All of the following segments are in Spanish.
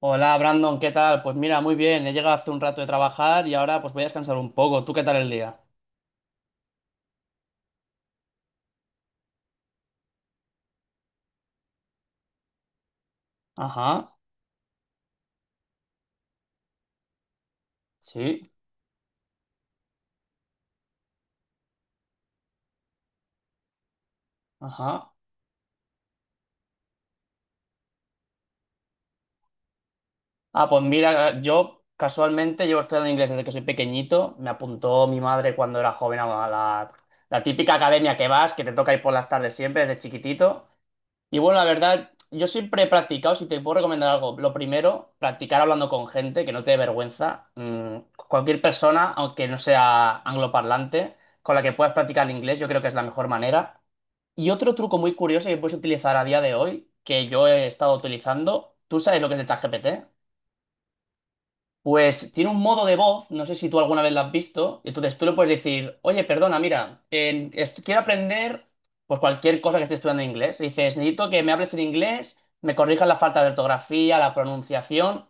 Hola Brandon, ¿qué tal? Pues mira, muy bien, he llegado hace un rato de trabajar y ahora pues voy a descansar un poco. ¿Tú qué tal el día? Ajá, sí, ajá. Ah, pues mira, yo casualmente llevo estudiando inglés desde que soy pequeñito. Me apuntó mi madre cuando era joven a la típica academia que vas, que te toca ir por las tardes siempre desde chiquitito. Y bueno, la verdad, yo siempre he practicado, si te puedo recomendar algo, lo primero, practicar hablando con gente, que no te dé vergüenza. Cualquier persona, aunque no sea angloparlante, con la que puedas practicar el inglés, yo creo que es la mejor manera. Y otro truco muy curioso que puedes utilizar a día de hoy, que yo he estado utilizando, ¿tú sabes lo que es el ChatGPT? Pues tiene un modo de voz, no sé si tú alguna vez lo has visto, entonces tú le puedes decir, oye, perdona, mira, quiero aprender pues cualquier cosa que esté estudiando en inglés. Y dices, necesito que me hables en inglés, me corrijas la falta de ortografía, la pronunciación,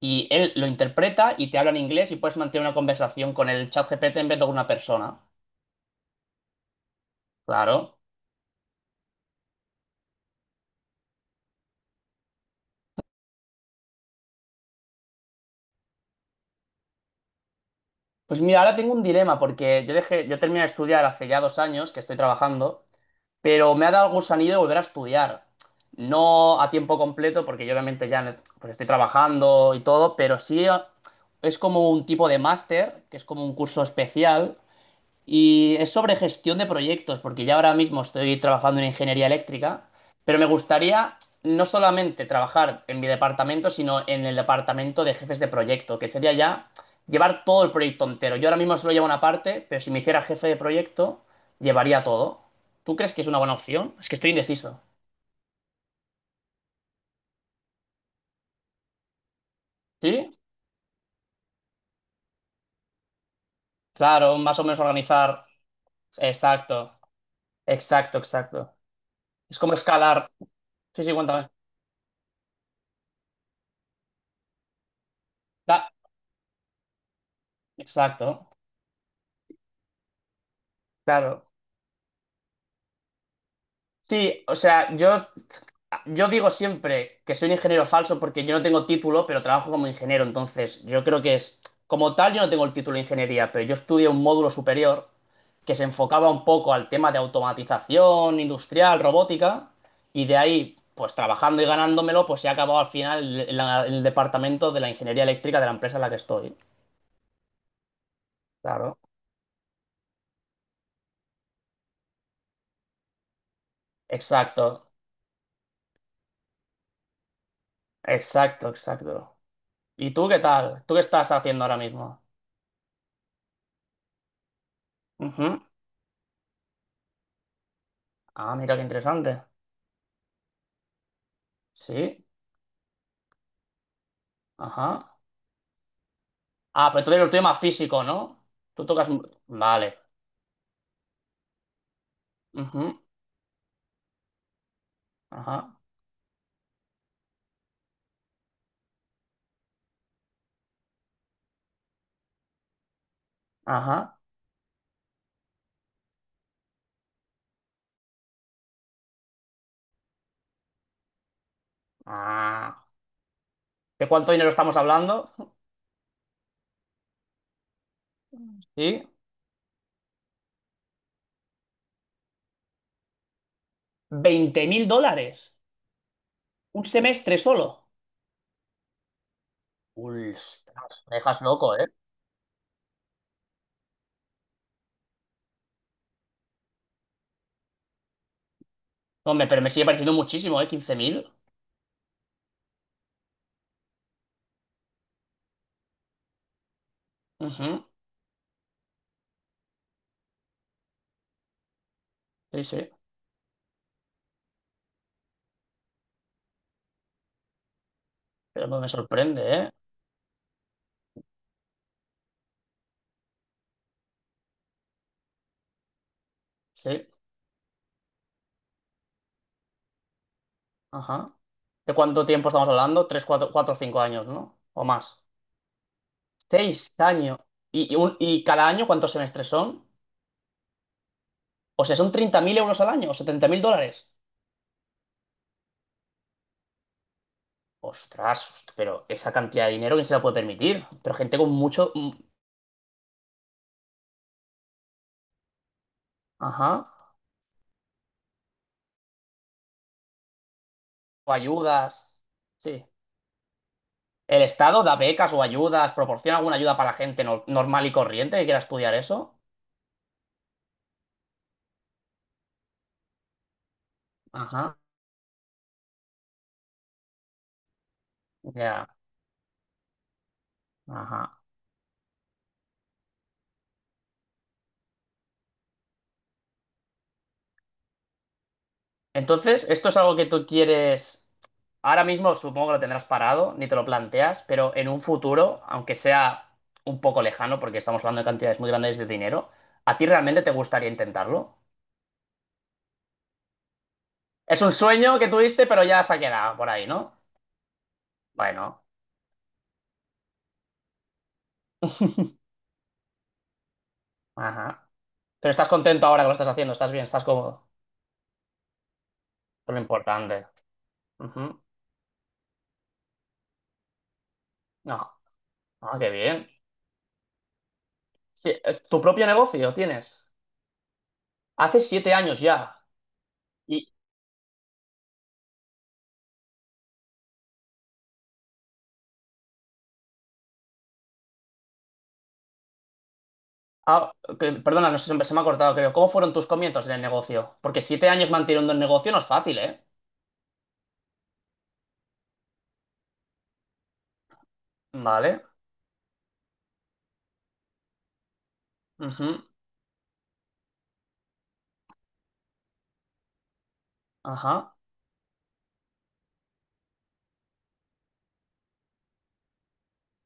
y él lo interpreta y te habla en inglés y puedes mantener una conversación con el chat GPT en vez de con una persona. Claro. Pues mira, ahora tengo un dilema porque yo dejé, yo terminé de estudiar hace ya 2 años que estoy trabajando. Pero me ha dado el gusanillo de volver a estudiar. No a tiempo completo, porque yo obviamente ya pues estoy trabajando y todo, pero sí, es como un tipo de máster, que es como un curso especial, y es sobre gestión de proyectos, porque ya ahora mismo estoy trabajando en ingeniería eléctrica, pero me gustaría no solamente trabajar en mi departamento, sino en el departamento de jefes de proyecto, que sería ya llevar todo el proyecto entero. Yo ahora mismo solo llevo una parte, pero si me hiciera jefe de proyecto, llevaría todo. ¿Tú crees que es una buena opción? Es que estoy indeciso. ¿Sí? Claro, más o menos organizar. Exacto, exacto, exacto. Es como escalar. Sí, sí, cuéntame. Da- Exacto, claro. Sí, o sea, yo digo siempre que soy un ingeniero falso porque yo no tengo título, pero trabajo como ingeniero. Entonces, yo creo que es, como tal, yo no tengo el título de ingeniería, pero yo estudié un módulo superior que se enfocaba un poco al tema de automatización industrial, robótica, y de ahí, pues trabajando y ganándomelo, pues he acabado al final en en el departamento de la ingeniería eléctrica de la empresa en la que estoy. Claro. Exacto, exacto, exacto. ¿Y tú qué tal? ¿Tú qué estás haciendo ahora mismo? Ujú. Ah, mira qué interesante. Sí, ajá. Ah, pero tú eres el tuyo más físico, ¿no? Tú tocas. Vale. Ujú, ajá, ajá. Ah. ¿De cuánto dinero estamos hablando? Sí. 20.000 dólares. Un semestre solo. Uy, ostras, me dejas loco, ¿eh? No, hombre, pero me sigue pareciendo muchísimo, ¿eh? 15.000. Ujú, sí, sí. Pero me sorprende, ¿eh? Sí, ajá. ¿De cuánto tiempo estamos hablando? Tres, cuatro, cuatro, 5 años, ¿no? O más. 6 años. ¿Y, y cada año cuántos semestres son? O sea, ¿son 30.000 euros al año o 70.000 dólares? Ostras, pero esa cantidad de dinero, ¿quién se la puede permitir? Pero gente con mucho... Ajá. O ayudas. Sí. ¿El Estado da becas o ayudas? ¿Proporciona alguna ayuda para la gente normal y corriente que quiera estudiar eso? Ajá. Ya. Ajá. Entonces, esto es algo que tú quieres, ahora mismo supongo que lo tendrás parado, ni te lo planteas, pero en un futuro, aunque sea un poco lejano, porque estamos hablando de cantidades muy grandes de dinero, ¿a ti realmente te gustaría intentarlo? Es un sueño que tuviste, pero ya se ha quedado por ahí, ¿no? Bueno, ajá. Pero estás contento ahora que lo estás haciendo, estás bien, estás cómodo. Es lo importante. Ujú. No, ah, qué bien. Sí, es tu propio negocio tienes. Hace 7 años ya. Ah, perdona, no sé, se me ha cortado, creo. ¿Cómo fueron tus comienzos en el negocio? Porque 7 años manteniendo el negocio no es fácil, ¿eh? Vale. Ujú. Ajá.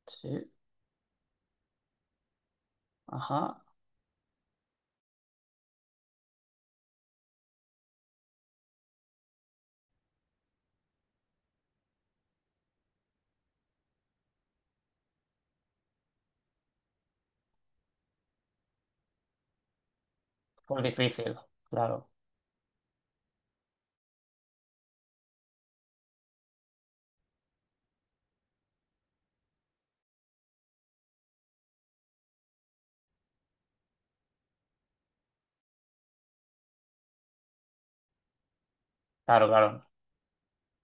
Sí. Ajá. Pues difícil. Claro. Claro, claro.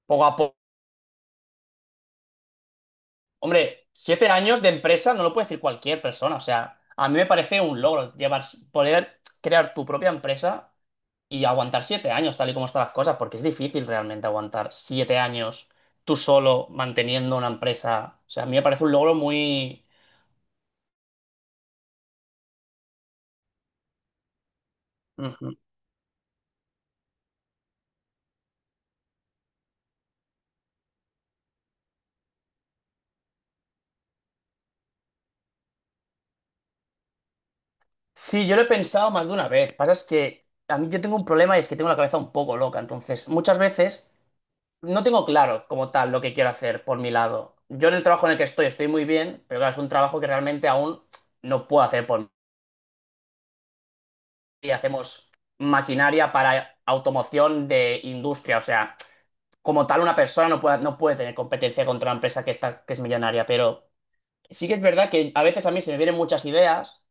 Poco a poco. Hombre, siete años de empresa no lo puede decir cualquier persona. O sea, a mí me parece un logro llevar, poder crear tu propia empresa y aguantar 7 años, tal y como están las cosas, porque es difícil realmente aguantar 7 años tú solo manteniendo una empresa. O sea, a mí me parece un logro muy... Sí, yo lo he pensado más de una vez. Pasa es que a mí yo tengo un problema y es que tengo la cabeza un poco loca. Entonces, muchas veces no tengo claro como tal lo que quiero hacer por mi lado. Yo en el trabajo en el que estoy estoy muy bien, pero claro, es un trabajo que realmente aún no puedo hacer por mí. Y hacemos maquinaria para automoción de industria. O sea, como tal una persona no puede, no puede tener competencia contra una empresa que está, que es millonaria, pero... Sí que es verdad que a veces a mí se me vienen muchas ideas.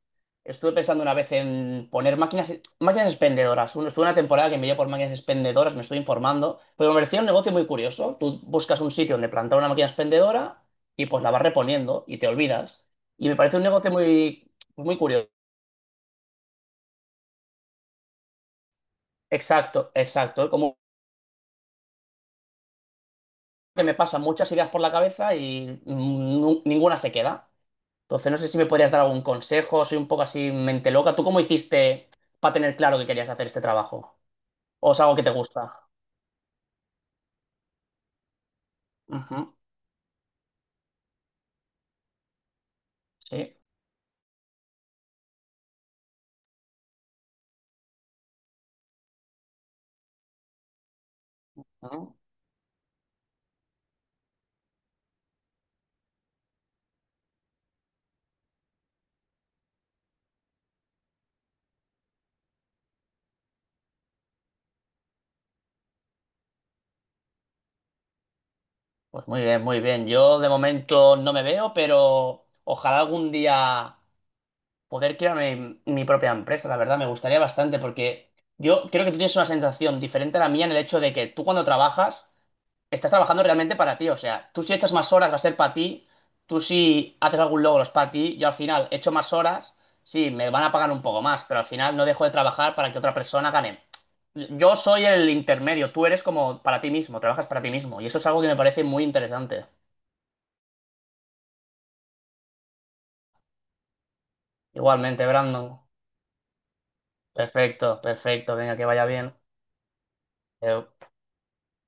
Estuve pensando una vez en poner máquinas, máquinas expendedoras. Uno, estuve una temporada que me dio por máquinas expendedoras, me estoy informando. Pero me parecía un negocio muy curioso. Tú buscas un sitio donde plantar una máquina expendedora y pues la vas reponiendo y te olvidas. Y me parece un negocio muy, pues, muy curioso. Exacto, exacto. Como que me pasan muchas ideas por la cabeza y ninguna se queda. Entonces, no sé si me podrías dar algún consejo, soy un poco así mente loca. ¿Tú cómo hiciste para tener claro que querías hacer este trabajo? ¿O es algo que te gusta? Ujú, sí. Ujú. Pues muy bien, muy bien. Yo de momento no me veo, pero ojalá algún día poder crear mi propia empresa, la verdad, me gustaría bastante porque yo creo que tú tienes una sensación diferente a la mía en el hecho de que tú cuando trabajas estás trabajando realmente para ti. O sea, tú si echas más horas va a ser para ti. Tú si haces algún logro es para ti. Yo al final echo más horas, sí, me van a pagar un poco más, pero al final no dejo de trabajar para que otra persona gane. Yo soy el intermedio, tú eres como para ti mismo, trabajas para ti mismo. Y eso es algo que me parece muy interesante. Igualmente, Brandon. Perfecto, perfecto, venga, que vaya bien. Eh,